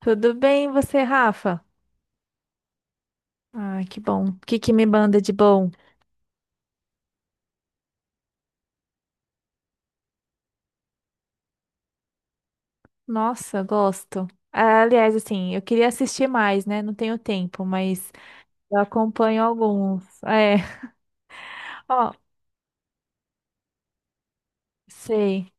Tudo bem, e você, Rafa? Ah, que bom. O que que me manda de bom? Nossa, gosto. Ah, aliás, assim, eu queria assistir mais, né? Não tenho tempo, mas eu acompanho alguns. É, ó, sei.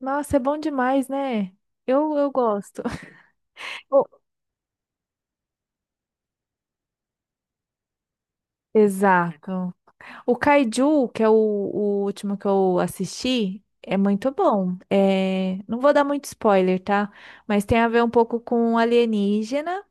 Nossa, é bom demais, né? Eu gosto. O- Exato. O Kaiju, que é o último que eu assisti, é muito bom. É, não vou dar muito spoiler, tá? Mas tem a ver um pouco com alienígena.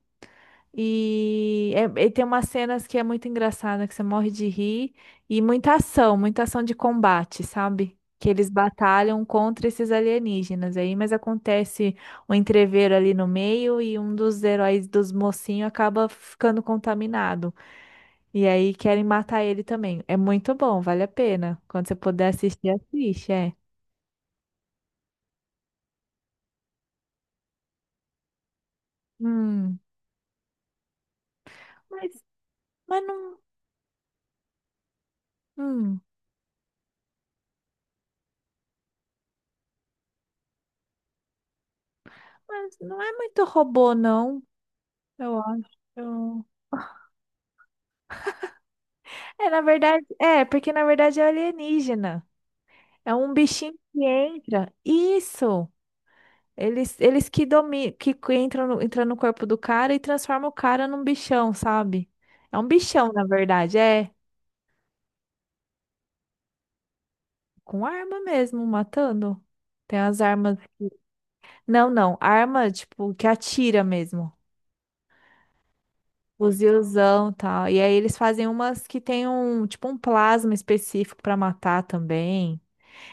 E tem umas cenas que é muito engraçada, que você morre de rir, e muita ação de combate, sabe? Que eles batalham contra esses alienígenas aí, mas acontece um entrevero ali no meio e um dos heróis dos mocinhos acaba ficando contaminado. E aí querem matar ele também. É muito bom, vale a pena. Quando você puder assistir, assiste, é. Hum, mas, mas não, hum, mas não é muito robô, não, eu acho. É, na verdade, é, porque na verdade é alienígena. É um bichinho que entra. Isso! Eles que dominam, que entram no corpo do cara e transformam o cara num bichão, sabe? É um bichão, na verdade, é. Com arma mesmo, matando. Tem as armas. Não, não. Arma, tipo, que atira mesmo. Fuzilzão e tal. E aí eles fazem umas que tem um, tipo, um plasma específico pra matar também.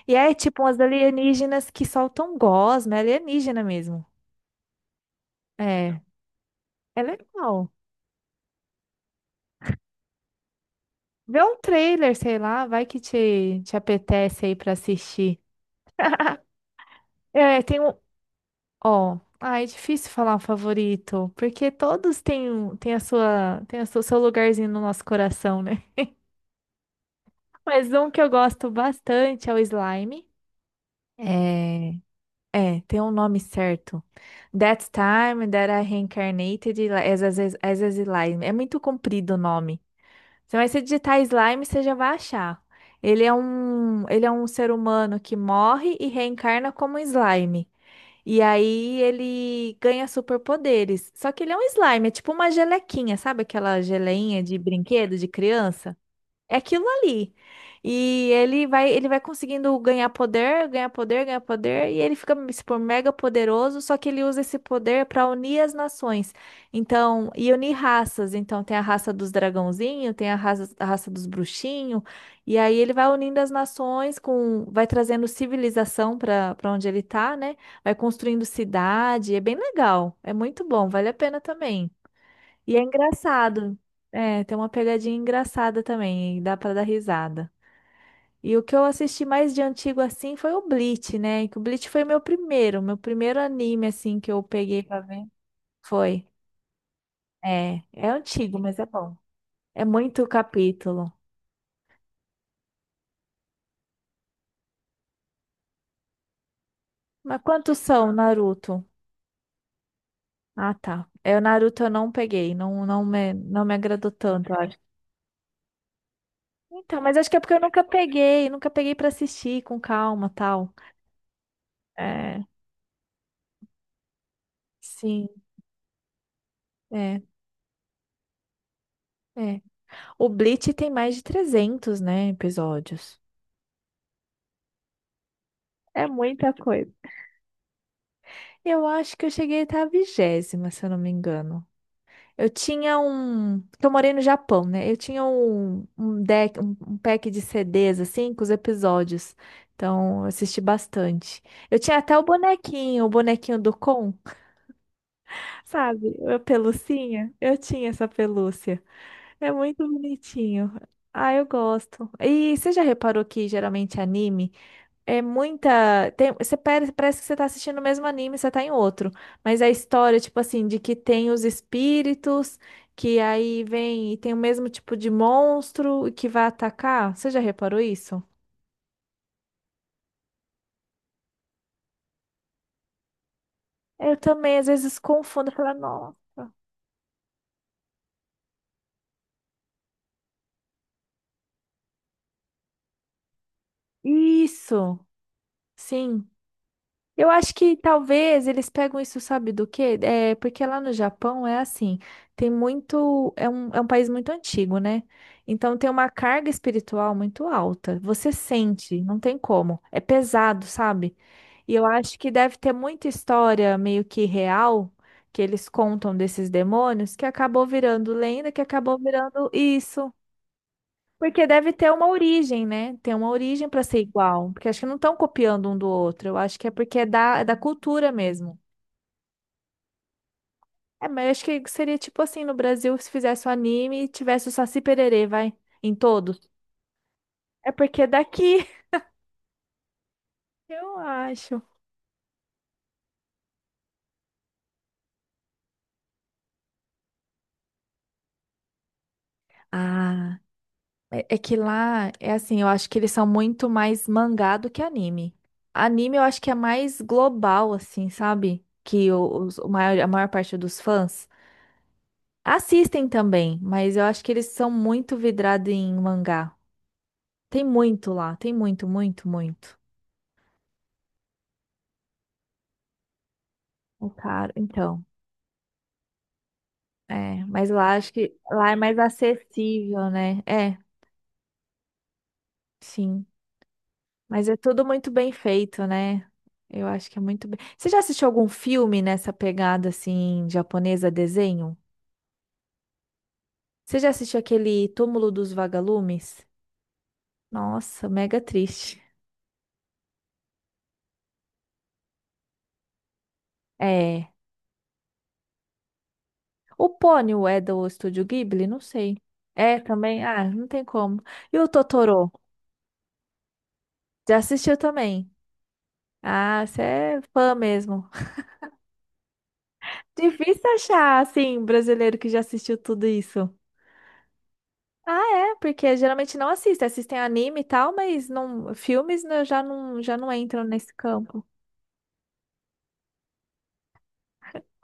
E é tipo umas alienígenas que soltam gosma, é alienígena mesmo. É, é legal. Vê um trailer, sei lá, vai que te apetece aí pra assistir. É, tem um. Ó, ah, é difícil falar um favorito, porque todos têm, têm a sua, têm o seu lugarzinho no nosso coração, né? Mas um que eu gosto bastante é o Slime. É, é, tem um nome certo. That Time That I Reincarnated as a Slime. É muito comprido o nome. Você vai se digitar slime, você já vai achar. Ele é um ser humano que morre e reencarna como slime. E aí ele ganha superpoderes. Só que ele é um slime, é tipo uma gelequinha, sabe aquela geleinha de brinquedo de criança? É aquilo ali. E ele vai conseguindo ganhar poder, ganhar poder, ganhar poder, e ele fica, tipo, mega poderoso, só que ele usa esse poder para unir as nações. Então, e unir raças. Então, tem a raça dos dragãozinhos, tem a raça dos bruxinhos, e aí ele vai unindo as nações com, vai trazendo civilização para onde ele tá, né? Vai construindo cidade, é bem legal, é muito bom, vale a pena também. E é engraçado. É, tem uma pegadinha engraçada também, e dá pra dar risada. E o que eu assisti mais de antigo assim foi o Bleach, né? Que o Bleach foi meu primeiro anime assim que eu peguei pra ver. Foi. É, é antigo, mas é bom. É muito capítulo. Mas quantos são, Naruto? Ah, tá. É, o Naruto eu não peguei, não, não me agradou tanto, eu acho. Então, mas acho que é porque eu nunca peguei pra assistir com calma, tal. É, sim, é. É. O Bleach tem mais de 300, né, episódios. É muita coisa. Eu acho que eu cheguei a estar a vigésima, se eu não me engano. Eu tinha um. Que Eu morei no Japão, né? Eu tinha um deck, um pack de CDs, assim, com os episódios. Então, eu assisti bastante. Eu tinha até o bonequinho do Kon, sabe? A pelucinha. Eu tinha essa pelúcia. É muito bonitinho. Ah, eu gosto. E você já reparou que geralmente anime é muita. Tem, você parece que você tá assistindo o mesmo anime, você tá em outro. Mas a história, tipo assim, de que tem os espíritos, que aí vem e tem o mesmo tipo de monstro e que vai atacar. Você já reparou isso? Eu também, às vezes, confundo. Eu falo, nossa. Isso! Sim. Eu acho que talvez eles pegam isso, sabe do quê? É, porque lá no Japão é assim, tem muito, é é um país muito antigo, né? Então tem uma carga espiritual muito alta. Você sente, não tem como. É pesado, sabe? E eu acho que deve ter muita história meio que real que eles contam desses demônios que acabou virando lenda, que acabou virando isso. Porque deve ter uma origem, né? Tem uma origem para ser igual. Porque acho que não estão copiando um do outro. Eu acho que é porque é é da cultura mesmo. É, mas eu acho que seria tipo assim no Brasil se fizesse um anime e tivesse o Saci Pererê, vai, em todos. É porque é daqui, eu acho. Ah, é, é que lá é assim, eu acho que eles são muito mais mangá do que anime. Anime eu acho que é mais global, assim, sabe? Que o maior, a maior parte dos fãs. Assistem também, mas eu acho que eles são muito vidrados em mangá. Tem muito lá, tem muito, muito, muito. O cara, então, é, mas lá acho que lá é mais acessível, né? É, sim. Mas é tudo muito bem feito, né? Eu acho que é muito bem. Você já assistiu algum filme nessa pegada assim japonesa desenho? Você já assistiu aquele Túmulo dos Vagalumes? Nossa, mega triste. É. O Pônio é do Estúdio Ghibli? Não sei. É também? Ah, não tem como. E o Totoro? Já assistiu também? Ah, você é fã mesmo. Difícil achar, assim, um brasileiro que já assistiu tudo isso. Ah, é, porque geralmente não assiste. Assistem anime e tal, mas não, filmes né, já não entram nesse campo.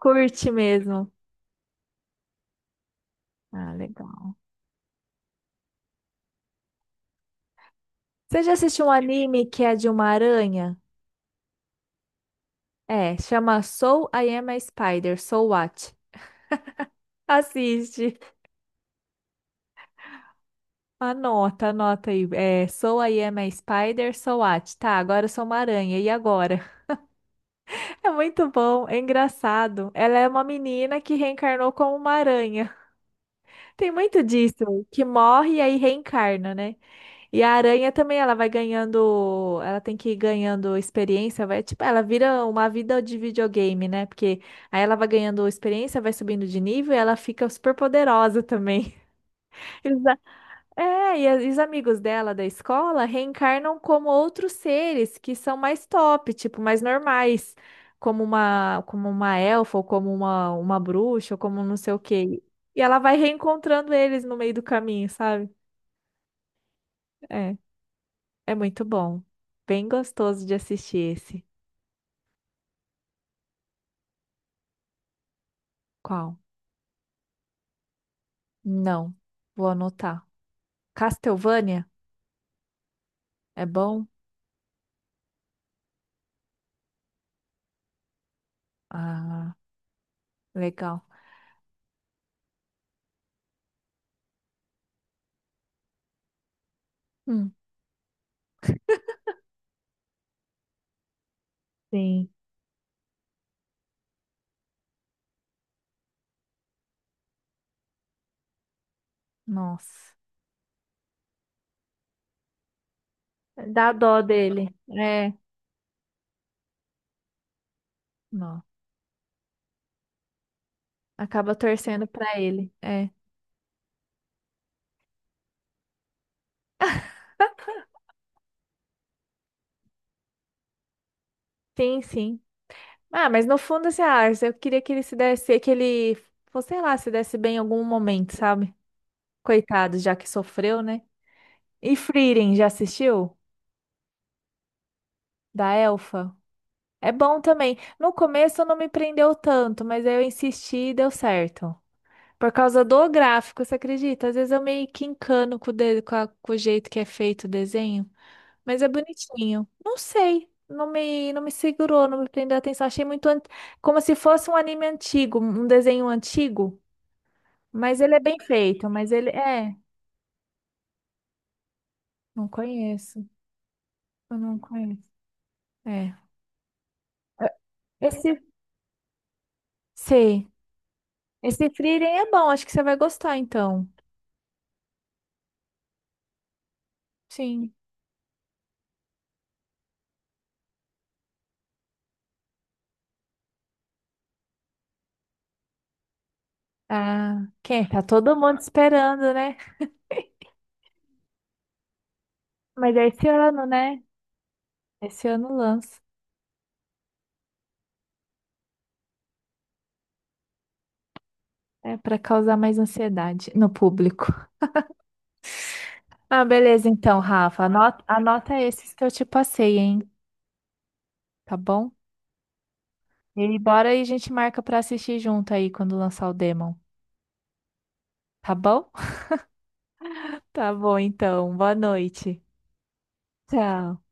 Curte mesmo. Ah, legal. Você já assistiu um anime que é de uma aranha? É, chama Soul I Am a Spider, Soul What? Assiste. Anota, anota aí. É, so I am a spider, so what? Tá, agora eu sou uma aranha. E agora? É muito bom, é engraçado. Ela é uma menina que reencarnou como uma aranha. Tem muito disso, que morre e aí reencarna, né? E a aranha também, ela vai ganhando, ela tem que ir ganhando experiência, vai, tipo, ela vira uma vida de videogame, né? Porque aí ela vai ganhando experiência, vai subindo de nível e ela fica super poderosa também. É, e e os amigos dela da escola reencarnam como outros seres que são mais top, tipo, mais normais, como uma elfa, ou como uma bruxa, ou como não sei o quê. E ela vai reencontrando eles no meio do caminho, sabe? É, é muito bom. Bem gostoso de assistir esse. Qual? Não, vou anotar. Castlevania? É bom? Ah, legal. Hum, sim, nossa. Dá dó dele. É. Nossa. Acaba torcendo pra ele. É. Sim, sim. Ah, mas no fundo, assim, ah, eu queria que ele se desse, que ele, fosse sei lá, se desse bem em algum momento, sabe? Coitado, já que sofreu, né? E Frieren, já assistiu? Da Elfa? É bom também. No começo não me prendeu tanto, mas aí eu insisti e deu certo. Por causa do gráfico, você acredita? Às vezes eu meio que encano com o, de- com a- com o jeito que é feito o desenho. Mas é bonitinho. Não sei. Não me segurou, não me prendeu a atenção. Achei muito como se fosse um anime antigo, um desenho antigo. Mas ele é bem feito. Mas ele é. Não conheço. Eu não conheço. É. É, esse. Sei. Esse Frieren é bom. Acho que você vai gostar, então. Sim. Ah, quem? É? Tá todo mundo esperando, né? Mas é esse ano, né? Esse ano lança. É para causar mais ansiedade no público. Ah, beleza, então, Rafa. Anota, anota esses que eu te passei, hein? Tá bom? E bora aí, a gente marca pra assistir junto aí quando lançar o Demon. Tá bom? Tá bom, então. Boa noite. Tchau.